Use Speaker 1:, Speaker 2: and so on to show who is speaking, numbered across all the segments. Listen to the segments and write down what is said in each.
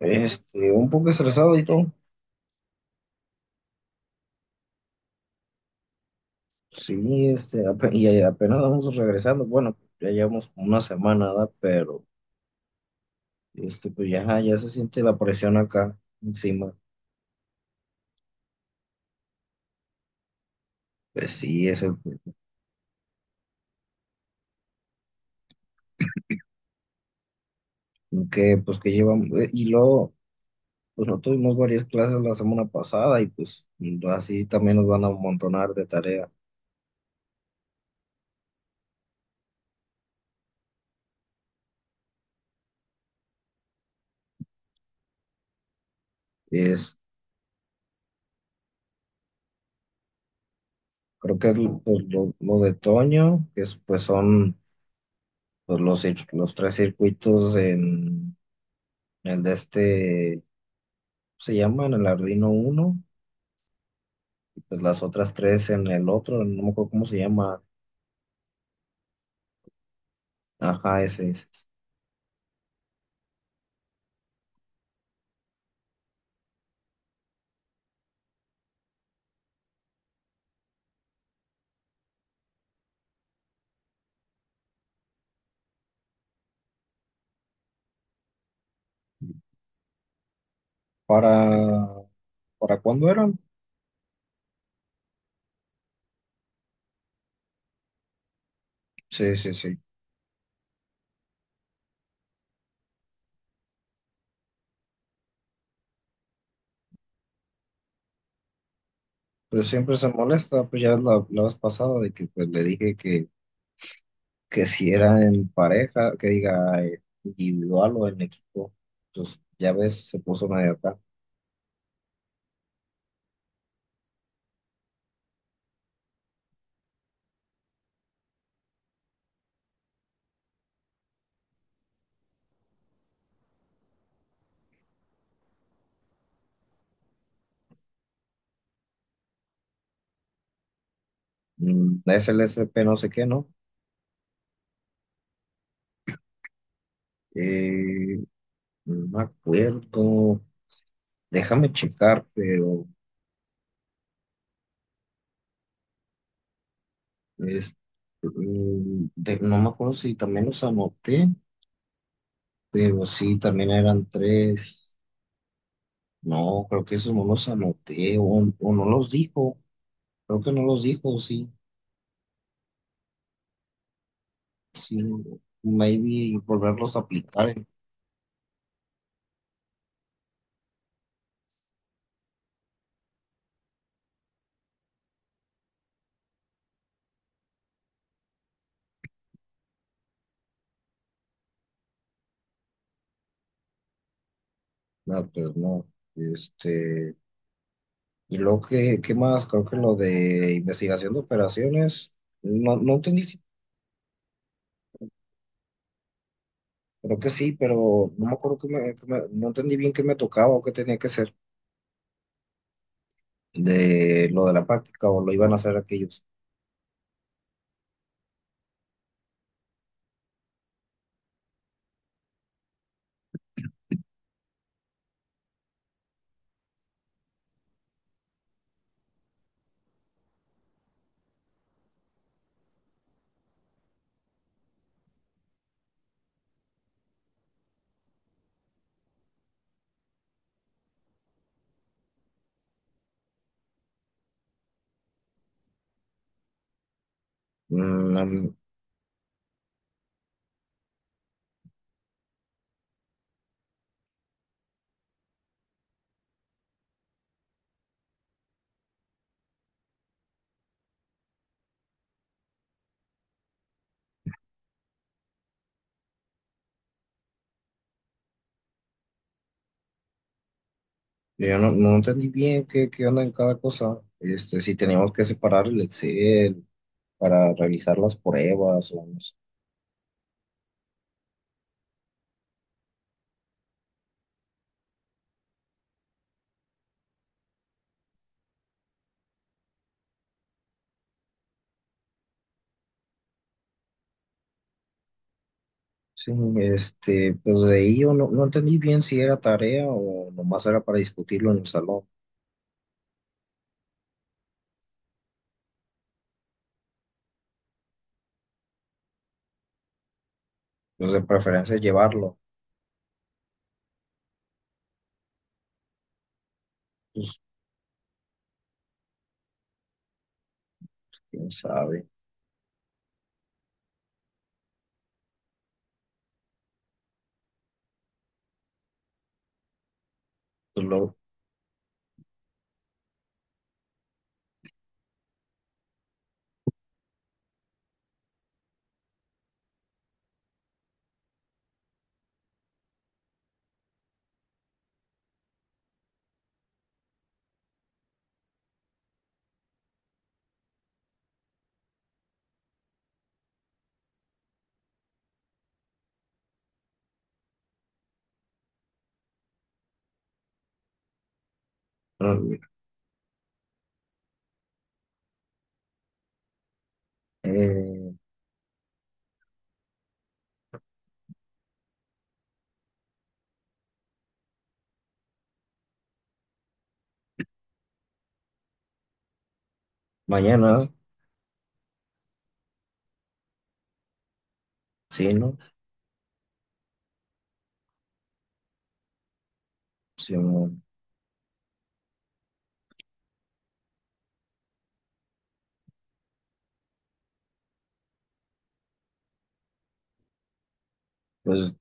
Speaker 1: Un poco estresado y todo. Sí, y apenas vamos regresando. Bueno, ya llevamos como una semana, ¿verdad? Pero ya se siente la presión acá encima. Pues sí, es el que, pues que llevamos. Y luego, pues no tuvimos varias clases la semana pasada y pues así también nos van a amontonar de tarea. Es, Creo que es lo de Toño, que es, pues son los tres circuitos en el de se llama en el Arduino uno y pues las otras tres en el otro, no me acuerdo cómo se llama. Ajá, ese, ese. ¿Para, para cuándo eran? Sí, sí, sí. Pues siempre se molesta, pues ya la vez pasada de que pues le dije que si era en pareja, que diga individual o en equipo. Pues ya ves, se puso medio acá. Mm, SLSP no sé qué, ¿no? Eh, no me acuerdo. Déjame checar, pero... Es, no me acuerdo si también los anoté, pero sí, también eran tres. No, creo que esos no los anoté, o no los dijo. Creo que no los dijo, sí. Sí, maybe volverlos a aplicar. No, pues no. Este, y luego, ¿ qué más? Creo que lo de investigación de operaciones, no entendí. Creo que sí, pero no me acuerdo no entendí bien qué me tocaba o qué tenía que hacer. De lo de la práctica o lo iban a hacer aquellos. Mm, al- yo no entendí bien qué onda en cada cosa. Este, si teníamos que separar el Excel para realizar las pruebas o no sé. Sí, este, pues de ahí yo no entendí bien si era tarea o nomás era para discutirlo en el salón. Pues de preferencia llevarlo. Pues quién sabe. Pues lo, mm, eh, Mañana, sí, ¿no? Sí, no, pues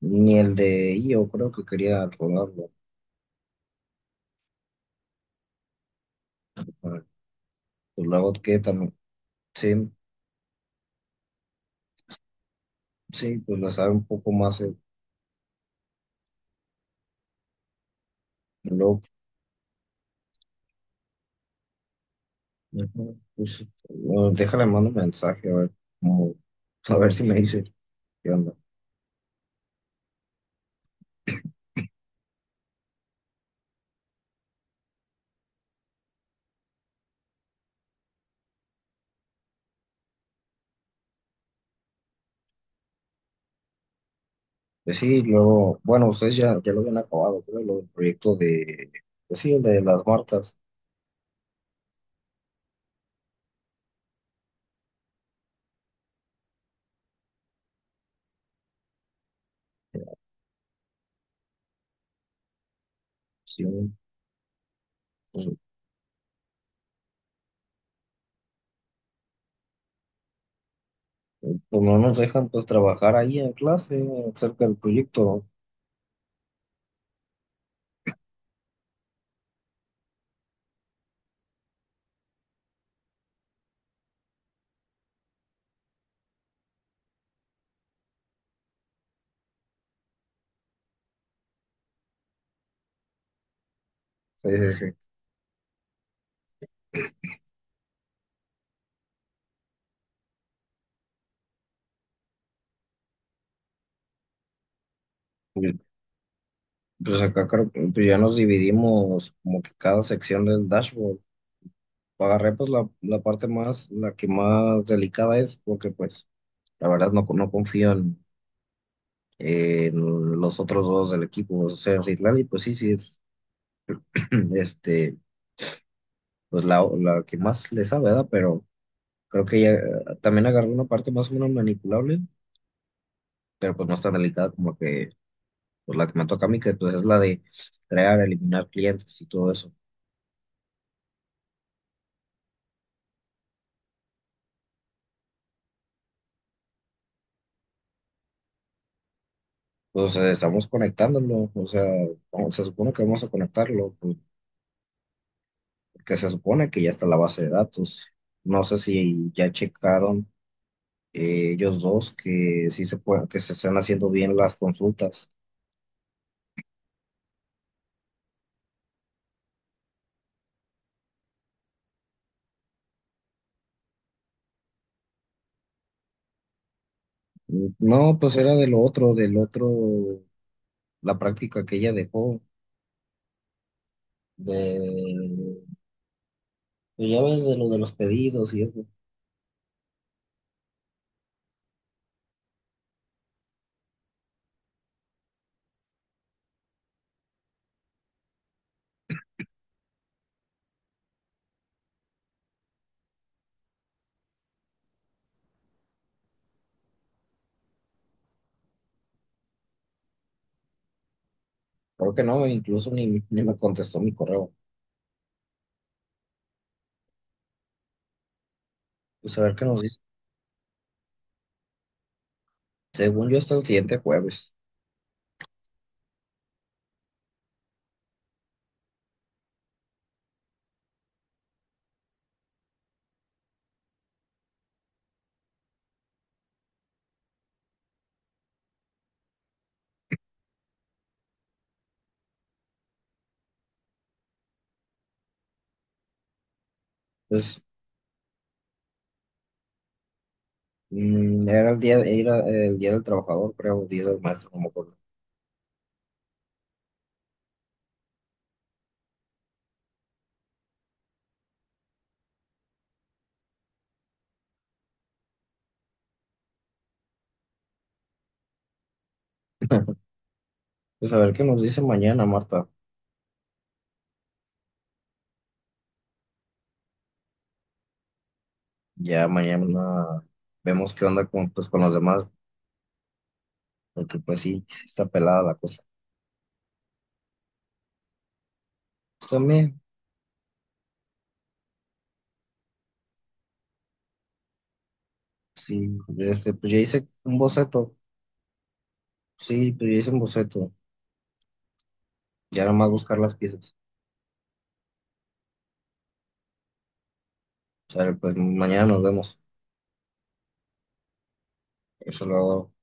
Speaker 1: ni el de yo creo que quería rodarlo. Pues luego que también, sí, sí, pues le sabe un poco más el blog. Ujú. Pues, bueno, déjale, mando un mensaje, a ver, cómo- a ver si me dice qué onda. Pues sí, luego, bueno, ustedes ya lo habían acabado, creo, lo del proyecto de, pues sí, el de las Martas. Sí, pues, pues no nos dejan pues trabajar ahí en clase acerca del proyecto. ¿No? Sí, sí, sí. Pues, pues acá creo que, pues ya nos dividimos como que cada sección del dashboard. Agarré pues la parte más, la que más delicada es, porque pues la verdad no confío en los otros dos del equipo, o sea, Citlali, y pues sí, sí es este, pues la que más le sabe, ¿verdad? Pero creo que ya también agarré una parte más o menos manipulable, pero pues no es tan delicada como pues la que me toca a mí, que pues es la de crear, eliminar clientes y todo eso. Pues estamos conectándolo, o sea, se supone que vamos a conectarlo, pues, que se supone que ya está la base de datos. No sé si ya checaron ellos dos que sí se puede, que se están haciendo bien las consultas. No, pues era de lo otro, del otro, la práctica que ella dejó, de, pues ya ves, de lo de los pedidos y eso. Creo que no, incluso ni me contestó mi correo. Pues a ver qué nos dice. Según yo, hasta el siguiente jueves. Pues mm, era el día del trabajador, creo, día del maestro, como por. Pues a ver qué nos dice mañana, Marta. Ya mañana vemos qué onda con, pues, con los demás, porque pues sí, sí está pelada la cosa. Pues también, sí, este, pues ya hice un boceto, sí, pues ya hice un boceto, ya nada más buscar las piezas. O sea, pues mañana nos vemos, eso lo hago.